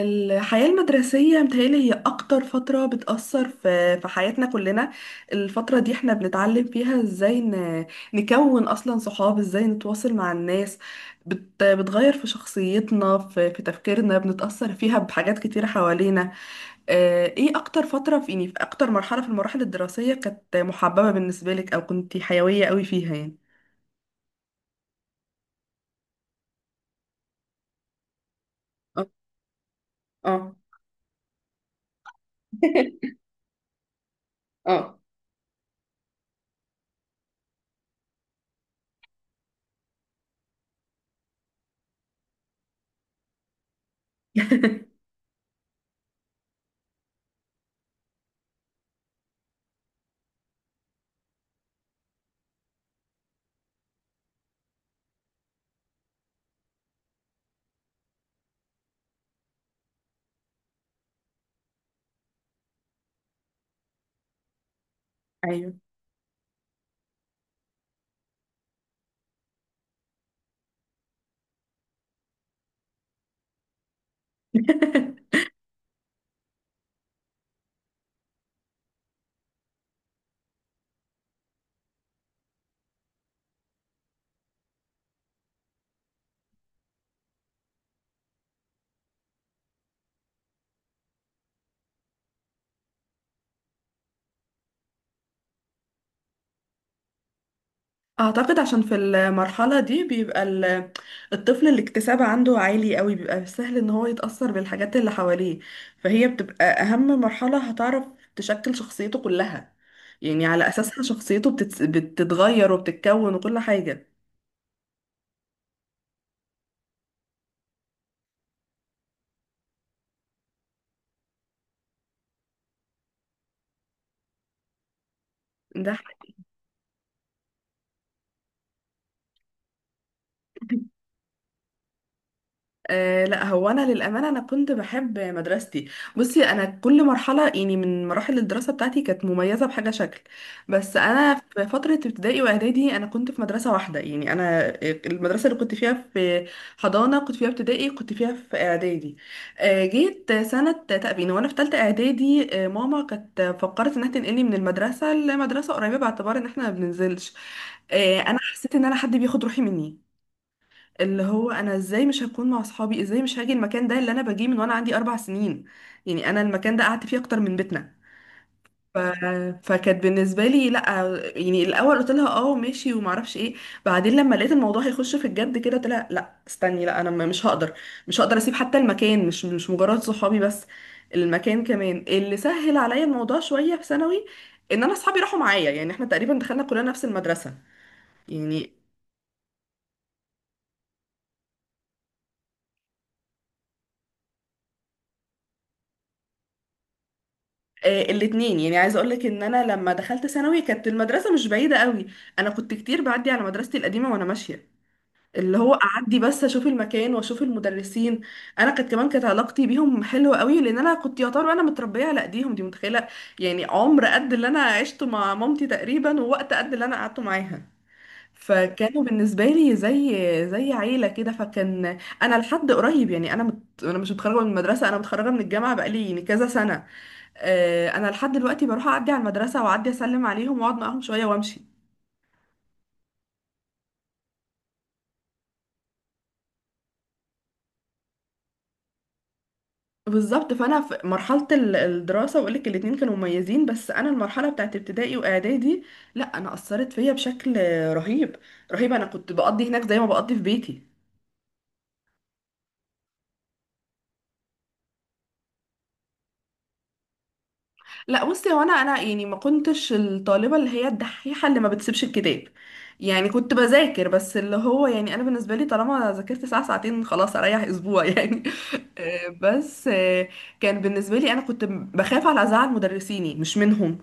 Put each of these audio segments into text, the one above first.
الحياة المدرسية متهيألي هي أكتر فترة بتأثر في حياتنا كلنا. الفترة دي احنا بنتعلم فيها ازاي نكون أصلا صحاب، ازاي نتواصل مع الناس. بتغير في شخصيتنا في تفكيرنا، بنتأثر فيها بحاجات كتيرة حوالينا. ايه أكتر فترة في يعني في أكتر مرحلة في المراحل الدراسية كانت محببة بالنسبة لك أو كنتي حيوية قوي فيها يعني؟ اه. اه. اه. أيوه. اعتقد عشان في المرحلة دي بيبقى الطفل الاكتساب عنده عالي قوي، بيبقى سهل ان هو يتأثر بالحاجات اللي حواليه، فهي بتبقى اهم مرحلة هتعرف تشكل شخصيته كلها. يعني على اساسها شخصيته بتتغير وبتتكون وكل حاجة. ده حقيقي. أه، لا، هو انا للامانه انا كنت بحب مدرستي. بصي، انا كل مرحله يعني من مراحل الدراسه بتاعتي كانت مميزه بحاجه شكل. بس انا في فتره ابتدائي واعدادي انا كنت في مدرسه واحده، يعني انا المدرسه اللي كنت فيها في حضانه كنت فيها ابتدائي كنت فيها في اعدادي. أه، جيت سنه تأبين وانا في ثالثه اعدادي، ماما كانت فكرت انها تنقلني من المدرسه لمدرسه قريبه باعتبار ان احنا ما بننزلش. أه، انا حسيت ان انا حد بياخد روحي مني، اللي هو انا ازاي مش هكون مع اصحابي، ازاي مش هاجي المكان ده اللي انا باجيه من وانا عندي 4 سنين. يعني انا المكان ده قعدت فيه اكتر من بيتنا. ف... فكانت بالنسبه لي لا. يعني الاول قلت لها اه ماشي وما اعرفش ايه، بعدين لما لقيت الموضوع هيخش في الجد كده قلت لها لا استني، لا انا مش هقدر. مش هقدر اسيب حتى المكان، مش مجرد صحابي بس، المكان كمان. اللي سهل عليا الموضوع شويه في ثانوي ان انا اصحابي راحوا معايا، يعني احنا تقريبا دخلنا كلنا نفس المدرسه يعني. الاتنين. يعني عايزه اقول لك ان انا لما دخلت ثانوي كانت المدرسه مش بعيده قوي، انا كنت كتير بعدي على مدرستي القديمه وانا ماشيه، اللي هو اعدي بس اشوف المكان واشوف المدرسين. انا كانت كمان كانت علاقتي بيهم حلوه قوي لان انا كنت يعتبر انا متربيه على ايديهم دي، متخيله؟ يعني عمر قد اللي انا عشته مع مامتي تقريبا، ووقت قد اللي انا قعدته معاها، فكانوا بالنسبه لي زي عيله كده. فكان انا لحد قريب، يعني انا انا مش متخرجه من المدرسه، انا متخرجه من الجامعه بقالي يعني كذا سنه، انا لحد دلوقتي بروح اعدي على المدرسه واعدي اسلم عليهم واقعد معاهم شويه وامشي. بالظبط. فانا في مرحله الدراسه، واقول لك الاتنين كانوا مميزين، بس انا المرحله بتاعت ابتدائي واعدادي، لا، انا اثرت فيا بشكل رهيب. رهيب. انا كنت بقضي هناك زي ما بقضي في بيتي. لا بصي، هو انا يعني ما كنتش الطالبه اللي هي الدحيحه اللي ما بتسيبش الكتاب. يعني كنت بذاكر، بس اللي هو يعني انا بالنسبه لي طالما ذاكرت ساعه ساعتين خلاص اريح اسبوع يعني. بس كان بالنسبه لي، انا كنت بخاف على ازعل مدرسيني مش منهم.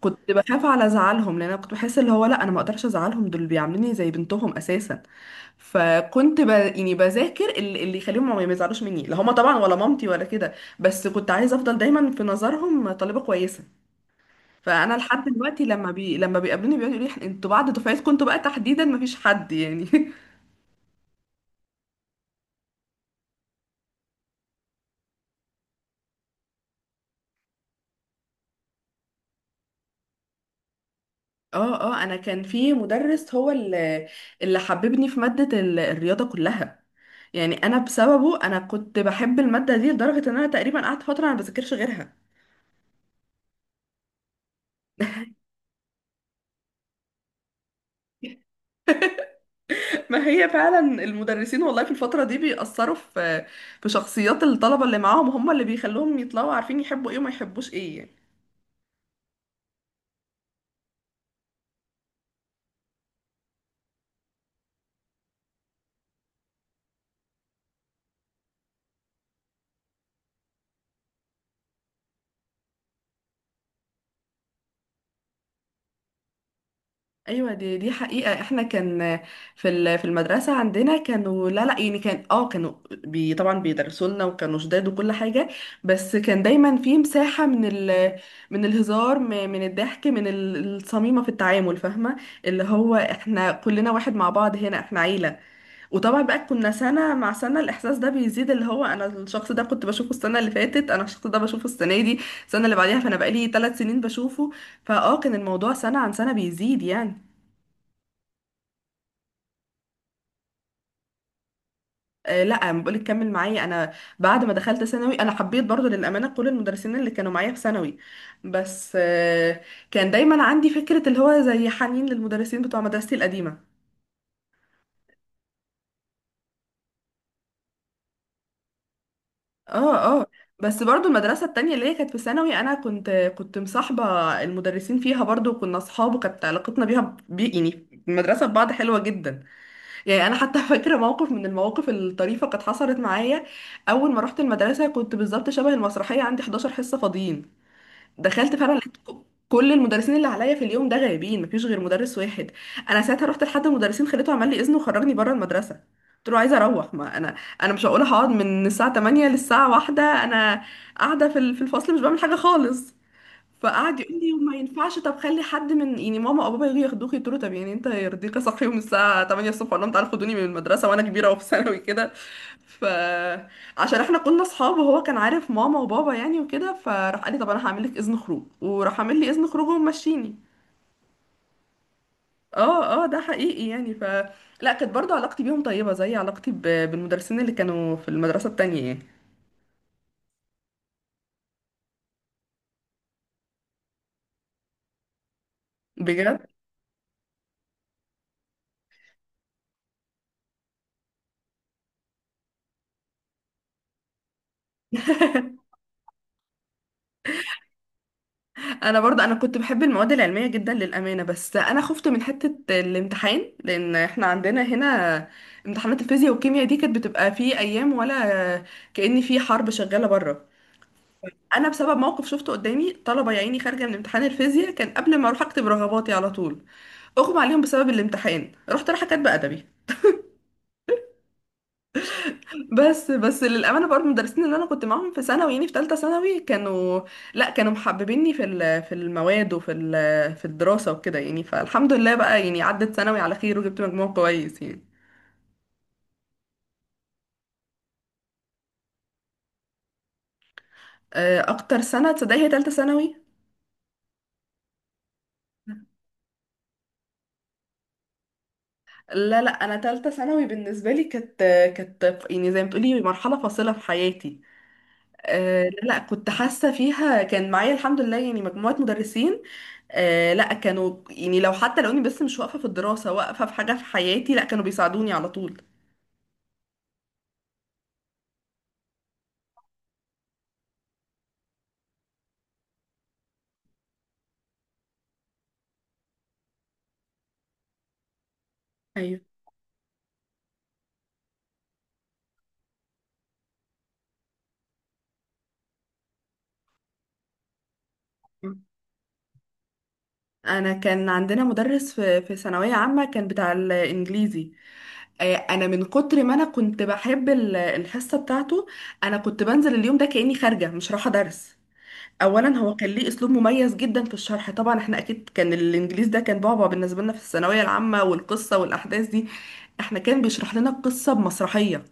كنت بخاف على ازعلهم لان انا كنت بحس اللي هو لا، انا ما اقدرش ازعلهم، دول بيعاملوني زي بنتهم اساسا. فكنت يعني بذاكر اللي يخليهم ما يزعلوش مني، لا هما طبعا ولا مامتي ولا كده. بس كنت عايزه افضل دايما في نظرهم طالبه كويسه. فانا لحد دلوقتي لما لما بيقابلوني بيقعدوا يقولوا لي انتوا بعد دفعتكم انتوا بقى تحديدا مفيش حد يعني. اه، اه، انا كان في مدرس هو اللي حببني في مادة الرياضة كلها. يعني انا بسببه انا كنت بحب المادة دي لدرجة ان انا تقريبا قعدت فترة انا ما بذاكرش غيرها. ما هي فعلا المدرسين والله في الفترة دي بيأثروا في شخصيات الطلبة اللي معاهم، هم اللي بيخلوهم يطلعوا عارفين يحبوا ايه وما يحبوش ايه يعني. ايوه، دي حقيقه. احنا كان في في المدرسه عندنا كانوا، لا يعني، كان اه كانوا طبعا بيدرسوا لنا وكانوا شداد وكل حاجه، بس كان دايما في مساحه من من الهزار، من الضحك، من الصميمه في التعامل، فاهمه؟ اللي هو احنا كلنا واحد مع بعض هنا، احنا عيله. وطبعا بقى كنا سنه مع سنه الاحساس ده بيزيد، اللي هو انا الشخص ده كنت بشوفه السنه اللي فاتت، انا الشخص ده بشوفه السنه دي، السنه اللي بعديها، فانا بقالي 3 سنين بشوفه، فاه كان الموضوع سنه عن سنه بيزيد يعني. لا، أنا بقولك كمل معايا انا. بعد ما دخلت ثانوي انا حبيت برضو للامانه كل المدرسين اللي كانوا معايا في ثانوي، بس كان دايما عندي فكره اللي هو زي حنين للمدرسين بتوع مدرستي القديمه. اه، اه. بس برضو المدرسه التانية اللي هي كانت في ثانوي انا كنت مصاحبه المدرسين فيها برضو، كنا اصحاب، وكانت علاقتنا بيها يعني المدرسه ببعض حلوه جدا. يعني انا حتى فاكره موقف من المواقف الطريفه كانت حصلت معايا. اول ما رحت المدرسه كنت بالظبط شبه المسرحيه، عندي 11 حصه فاضيين. دخلت فعلا لقيت كل المدرسين اللي عليا في اليوم ده غايبين، مفيش غير مدرس واحد. انا ساعتها رحت لحد المدرسين خليته عمل لي اذن وخرجني بره المدرسه. قلت له عايزه اروح، ما انا مش هقول هقعد من الساعه 8 للساعه 1 انا قاعده في في الفصل مش بعمل حاجه خالص. فقعد يقول لي وما ينفعش، طب خلي حد من يعني ماما او بابا يجوا ياخدوك. يقولوا طب يعني انت يرضيك اصحيهم الساعه 8 الصبح اقول لهم تعالوا خدوني من المدرسه وانا كبيره وفي ثانوي كده. ف عشان احنا كنا اصحاب وهو كان عارف ماما وبابا يعني وكده، فراح قال لي طب انا هعمل لك اذن خروج، وراح عامل لي اذن خروج ومشيني. اه، اه، ده حقيقي يعني. لا، كانت برضو علاقتي بيهم طيبه زي علاقتي بالمدرسين اللي كانوا في المدرسه التانية يعني. بجد. انا برضه انا كنت بحب المواد العلميه جدا للامانه، بس انا خفت من حته الامتحان، لان احنا عندنا هنا امتحانات الفيزياء والكيمياء دي كانت بتبقى في ايام ولا كأن في حرب شغاله بره. انا بسبب موقف شفته قدامي طلبه يا عيني خارجه من امتحان الفيزياء كان قبل ما اروح اكتب رغباتي على طول، اغمى عليهم بسبب الامتحان، رحت رايحه كاتبه ادبي. بس للامانه برضه المدرسين اللي انا كنت معاهم في ثانوي يعني في ثالثه ثانوي كانوا، لا كانوا محببيني في في المواد وفي في الدراسه وكده يعني، فالحمد لله بقى يعني عدت ثانوي على خير وجبت مجموع كويس يعني. اكتر سنه تصدقي هي ثالثه ثانوي. لا، لا، انا ثالثه ثانوي بالنسبه لي كانت يعني زي ما بتقولي مرحله فاصله في حياتي. لا لا، كنت حاسه فيها كان معايا الحمد لله يعني مجموعه مدرسين. آه لا، كانوا يعني لو حتى لو اني بس مش واقفة في الدراسة، واقفة في حاجة في حياتي، لا كانوا بيساعدوني على طول. ايوه. انا كان عندنا مدرس في ثانويه عامه كان بتاع الانجليزي. انا من كتر ما انا كنت بحب الحصه بتاعته، انا كنت بنزل اليوم ده كاني خارجه مش رايحه درس. اولا هو كان ليه اسلوب مميز جدا في الشرح، طبعا احنا اكيد كان الانجليزي ده كان بعبع بالنسبه لنا في الثانويه العامه والقصه والاحداث دي. احنا كان بيشرح لنا القصه بمسرحيه.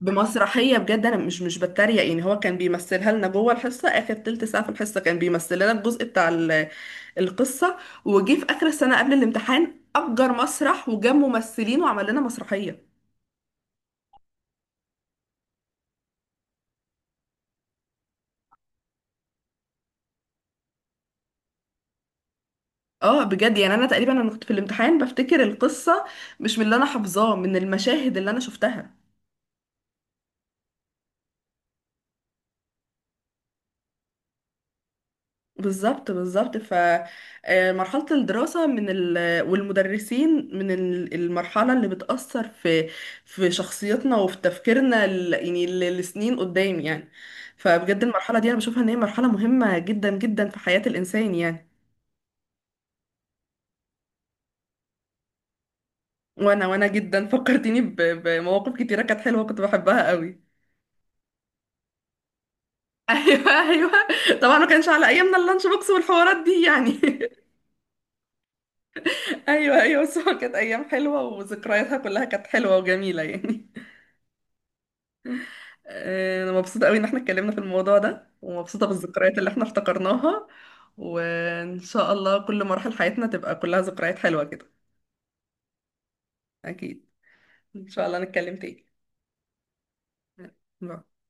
بمسرحية بجد، أنا مش بتريق يعني. هو كان بيمثلها لنا جوه الحصة، آخر تلت ساعة في الحصة كان بيمثل لنا الجزء بتاع القصة. وجي في آخر السنة قبل الامتحان أجر مسرح وجاب ممثلين وعمل لنا مسرحية. اه، بجد يعني أنا تقريبا أنا كنت في الامتحان بفتكر القصة مش من اللي أنا حافظاه، من المشاهد اللي أنا شفتها. بالظبط، بالظبط. فمرحلة الدراسة من والمدرسين من المرحلة اللي بتأثر في شخصيتنا وفي تفكيرنا، يعني لسنين قدام يعني. فبجد المرحلة دي أنا بشوفها إن هي مرحلة مهمة جدا جدا في حياة الإنسان يعني. وأنا جدا فكرتيني بمواقف كتيرة كانت حلوة كنت بحبها قوي. أيوه، أيوه. طبعا ما كانش على أيامنا اللانش بوكس والحوارات دي يعني. أيوه، أيوه. بس هو كانت أيام حلوة وذكرياتها كلها كانت حلوة وجميلة يعني. انا مبسوطة قوي ان احنا اتكلمنا في الموضوع ده ومبسوطة بالذكريات اللي احنا افتكرناها. وان شاء الله كل مراحل حياتنا تبقى كلها ذكريات حلوة كده. اكيد. ان شاء الله نتكلم تاني. باي.